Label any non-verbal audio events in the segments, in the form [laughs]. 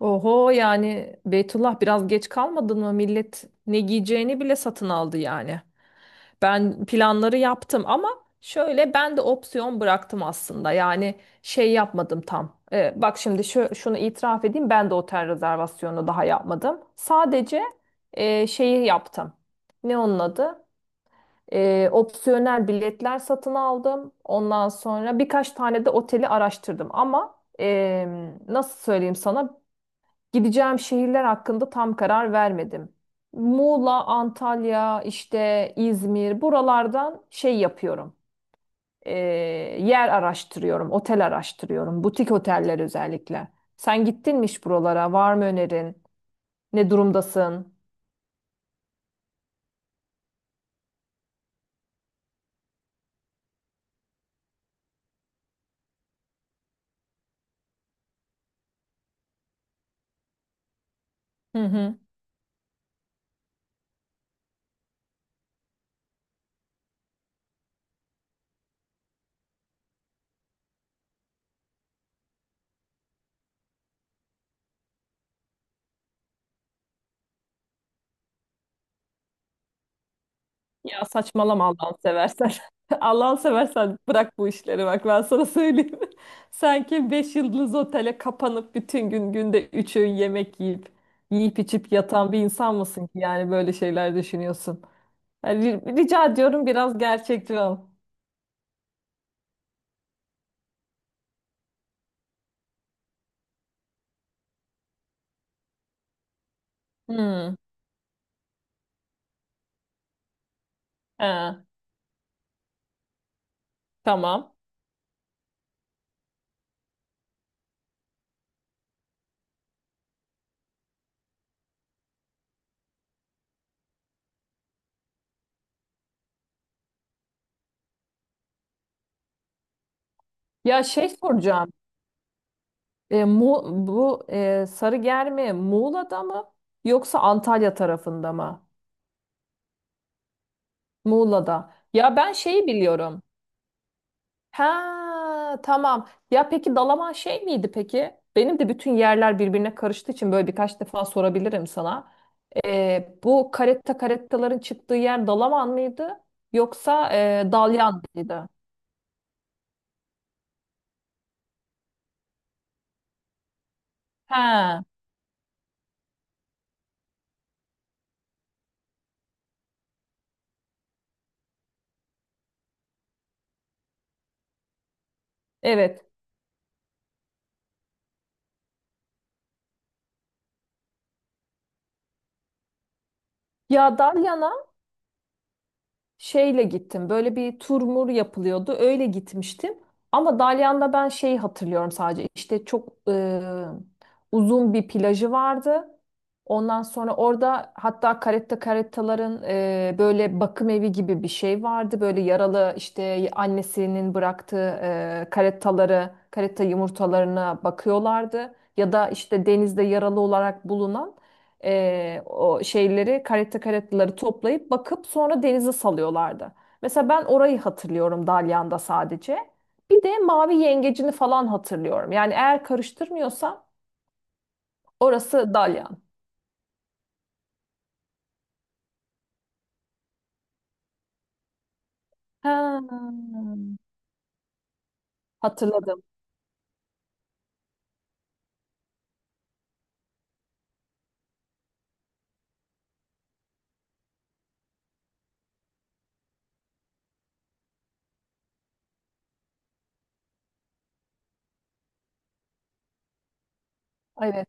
Oho yani Beytullah biraz geç kalmadın mı? Millet ne giyeceğini bile satın aldı yani. Ben planları yaptım ama şöyle ben de opsiyon bıraktım aslında. Yani şey yapmadım tam. Bak şimdi şunu itiraf edeyim ben de otel rezervasyonu daha yapmadım. Sadece şeyi yaptım. Ne onun adı? Opsiyonel biletler satın aldım. Ondan sonra birkaç tane de oteli araştırdım ama nasıl söyleyeyim sana? Gideceğim şehirler hakkında tam karar vermedim. Muğla, Antalya, işte İzmir buralardan şey yapıyorum. Ee, Yer araştırıyorum, otel araştırıyorum, butik oteller özellikle. Sen gittin mi hiç buralara? Var mı önerin? Ne durumdasın? Hı hı. Ya saçmalama Allah'ını seversen. [laughs] Allah'ını seversen bırak bu işleri bak ben sana söyleyeyim. [laughs] Sanki 5 yıldız otele kapanıp bütün gün günde 3 öğün yemek yiyip içip yatan bir insan mısın ki yani böyle şeyler düşünüyorsun. Yani rica ediyorum biraz gerçekçi ol. Hmm. He, tamam. Ya şey soracağım. Mu bu sarı germe Muğla'da mı yoksa Antalya tarafında mı? Muğla'da. Ya ben şeyi biliyorum. Ha tamam. Ya peki Dalaman şey miydi peki? Benim de bütün yerler birbirine karıştığı için böyle birkaç defa sorabilirim sana. Bu karetta karettaların çıktığı yer Dalaman mıydı? Yoksa Dalyan mıydı? Ha evet. Ya Dalyan'a şeyle gittim. Böyle bir turmur yapılıyordu. Öyle gitmiştim. Ama Dalyan'da ben şeyi hatırlıyorum sadece. İşte çok uzun bir plajı vardı. Ondan sonra orada hatta karetta karettaların böyle bakım evi gibi bir şey vardı. Böyle yaralı işte annesinin bıraktığı karettaları, karetta yumurtalarına bakıyorlardı. Ya da işte denizde yaralı olarak bulunan o şeyleri caretta carettaları toplayıp bakıp sonra denize salıyorlardı. Mesela ben orayı hatırlıyorum Dalyan'da sadece. Bir de mavi yengecini falan hatırlıyorum. Yani eğer karıştırmıyorsam orası Dalyan. Ha, hatırladım. Evet.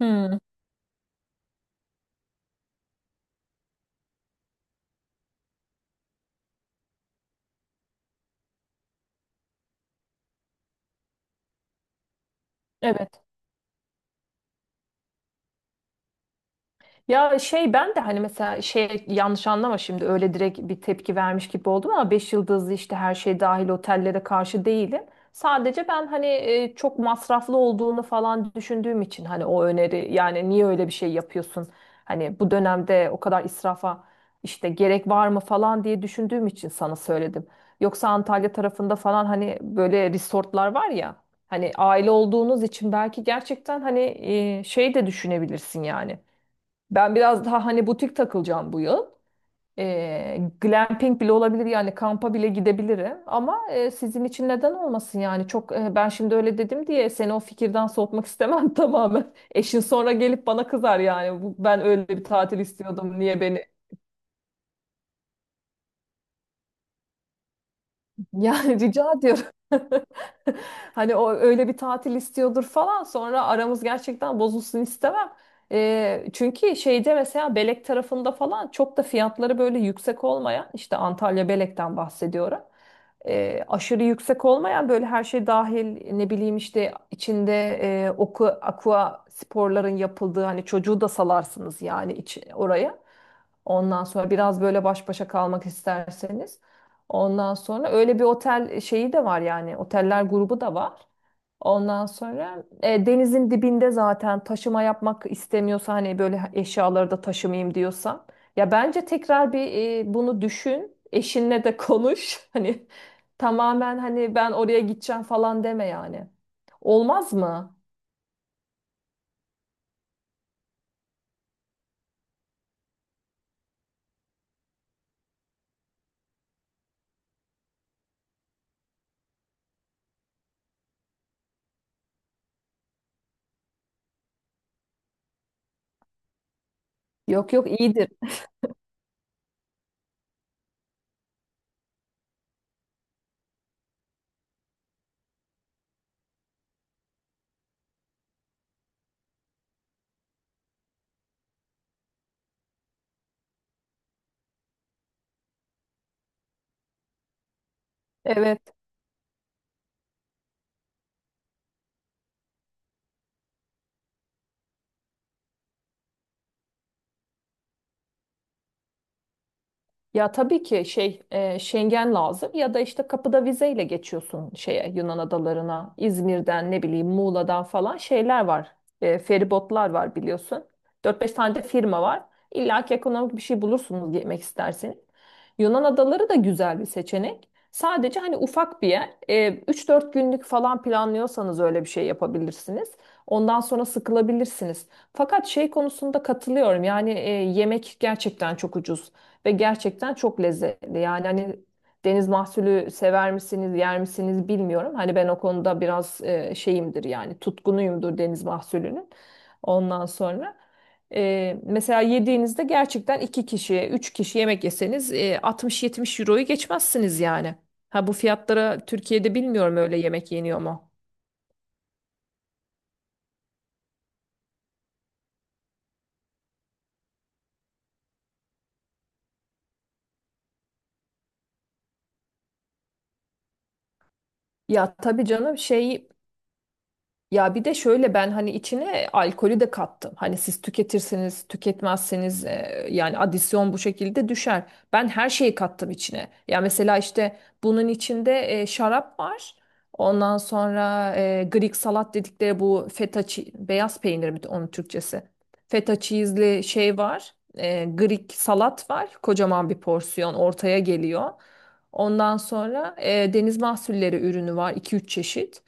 Hmm. Evet. Ya şey ben de hani mesela şey yanlış anlama şimdi öyle direkt bir tepki vermiş gibi oldum ama 5 yıldızlı işte her şey dahil otellere karşı değilim. Sadece ben hani çok masraflı olduğunu falan düşündüğüm için hani o öneri yani niye öyle bir şey yapıyorsun? Hani bu dönemde o kadar israfa işte gerek var mı falan diye düşündüğüm için sana söyledim. Yoksa Antalya tarafında falan hani böyle resortlar var ya hani aile olduğunuz için belki gerçekten hani şey de düşünebilirsin yani. Ben biraz daha hani butik takılacağım bu yıl. Glamping bile olabilir yani kampa bile gidebilirim. Ama sizin için neden olmasın yani çok ben şimdi öyle dedim diye seni o fikirden soğutmak istemem [laughs] tamamen. Eşin sonra gelip bana kızar yani ben öyle bir tatil istiyordum niye beni. Yani [laughs] rica ediyorum. [laughs] Hani o öyle bir tatil istiyordur falan. Sonra aramız gerçekten bozulsun istemem. Çünkü şeyde mesela Belek tarafında falan çok da fiyatları böyle yüksek olmayan işte Antalya Belek'ten bahsediyorum. Aşırı yüksek olmayan böyle her şey dahil ne bileyim işte içinde aqua sporların yapıldığı hani çocuğu da salarsınız yani oraya. Ondan sonra biraz böyle baş başa kalmak isterseniz. Ondan sonra öyle bir otel şeyi de var yani oteller grubu da var. Ondan sonra denizin dibinde zaten taşıma yapmak istemiyorsa hani böyle eşyaları da taşımayayım diyorsan. Ya bence tekrar bir bunu düşün. Eşinle de konuş. [laughs] Hani tamamen hani ben oraya gideceğim falan deme yani. Olmaz mı? Yok yok iyidir. [laughs] Evet. Ya tabii ki şey Schengen lazım ya da işte kapıda vizeyle geçiyorsun şeye Yunan adalarına İzmir'den ne bileyim Muğla'dan falan şeyler var. E, feribotlar var biliyorsun, dört beş tane de firma var. İlla ki ekonomik bir şey bulursunuz, yemek isterseniz Yunan adaları da güzel bir seçenek, sadece hani ufak bir yer. E, üç dört günlük falan planlıyorsanız öyle bir şey yapabilirsiniz, ondan sonra sıkılabilirsiniz. Fakat şey konusunda katılıyorum yani yemek gerçekten çok ucuz ve gerçekten çok lezzetli. Yani hani deniz mahsulü sever misiniz, yer misiniz bilmiyorum. Hani ben o konuda biraz şeyimdir yani tutkunuyumdur deniz mahsulünün. Ondan sonra mesela yediğinizde gerçekten iki kişi, üç kişi yemek yeseniz 60-70 euroyu geçmezsiniz yani. Ha bu fiyatlara Türkiye'de bilmiyorum öyle yemek yeniyor mu? Ya tabii canım şey. Ya bir de şöyle ben hani içine alkolü de kattım. Hani siz tüketirseniz, tüketmezseniz yani adisyon bu şekilde düşer. Ben her şeyi kattım içine. Ya mesela işte bunun içinde şarap var. Ondan sonra Greek salat dedikleri bu beyaz peynir mi onun Türkçesi? Feta cheese'li şey var. E, Greek salat var. Kocaman bir porsiyon ortaya geliyor. Ondan sonra deniz mahsulleri ürünü var, iki üç çeşit.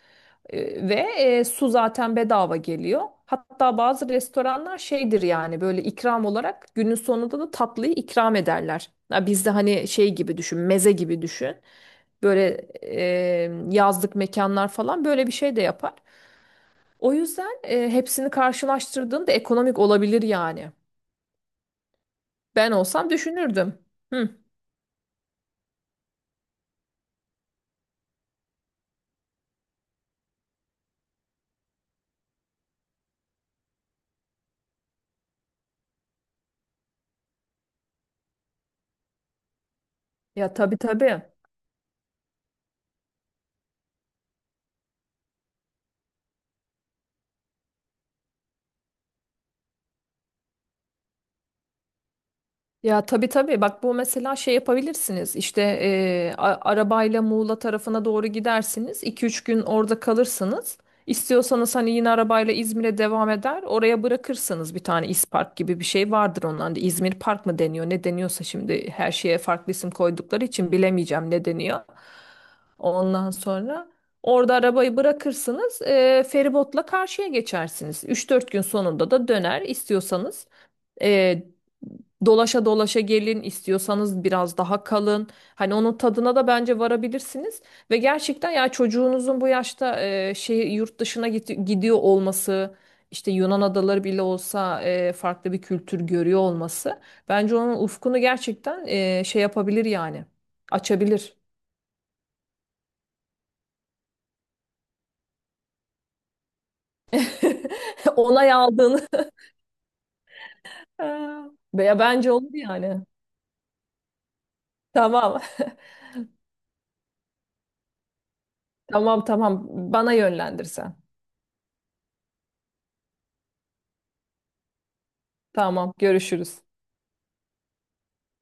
Ve su zaten bedava geliyor. Hatta bazı restoranlar şeydir yani böyle ikram olarak günün sonunda da tatlıyı ikram ederler. Ya bizde hani şey gibi düşün, meze gibi düşün. Böyle yazlık mekanlar falan böyle bir şey de yapar. O yüzden hepsini karşılaştırdığında ekonomik olabilir yani. Ben olsam düşünürdüm. Hı. Ya tabii tabii. Ya tabii tabii bak bu mesela şey yapabilirsiniz işte arabayla Muğla tarafına doğru gidersiniz, iki üç gün orada kalırsınız. İstiyorsanız hani yine arabayla İzmir'e devam eder oraya bırakırsınız, bir tane İspark gibi bir şey vardır, ondan da İzmir Park mı deniyor ne deniyorsa şimdi her şeye farklı isim koydukları için bilemeyeceğim ne deniyor. Ondan sonra orada arabayı bırakırsınız, feribotla karşıya geçersiniz. Üç dört gün sonunda da döner istiyorsanız e, dolaşa dolaşa gelin, istiyorsanız biraz daha kalın. Hani onun tadına da bence varabilirsiniz. Ve gerçekten ya çocuğunuzun bu yaşta şey yurt dışına gidiyor olması işte Yunan adaları bile olsa farklı bir kültür görüyor olması bence onun ufkunu gerçekten şey yapabilir yani açabilir. [laughs] Onay aldığını. [laughs] Veya bence olur yani. Tamam. [laughs] Tamam tamam. Bana yönlendirsen. Tamam görüşürüz.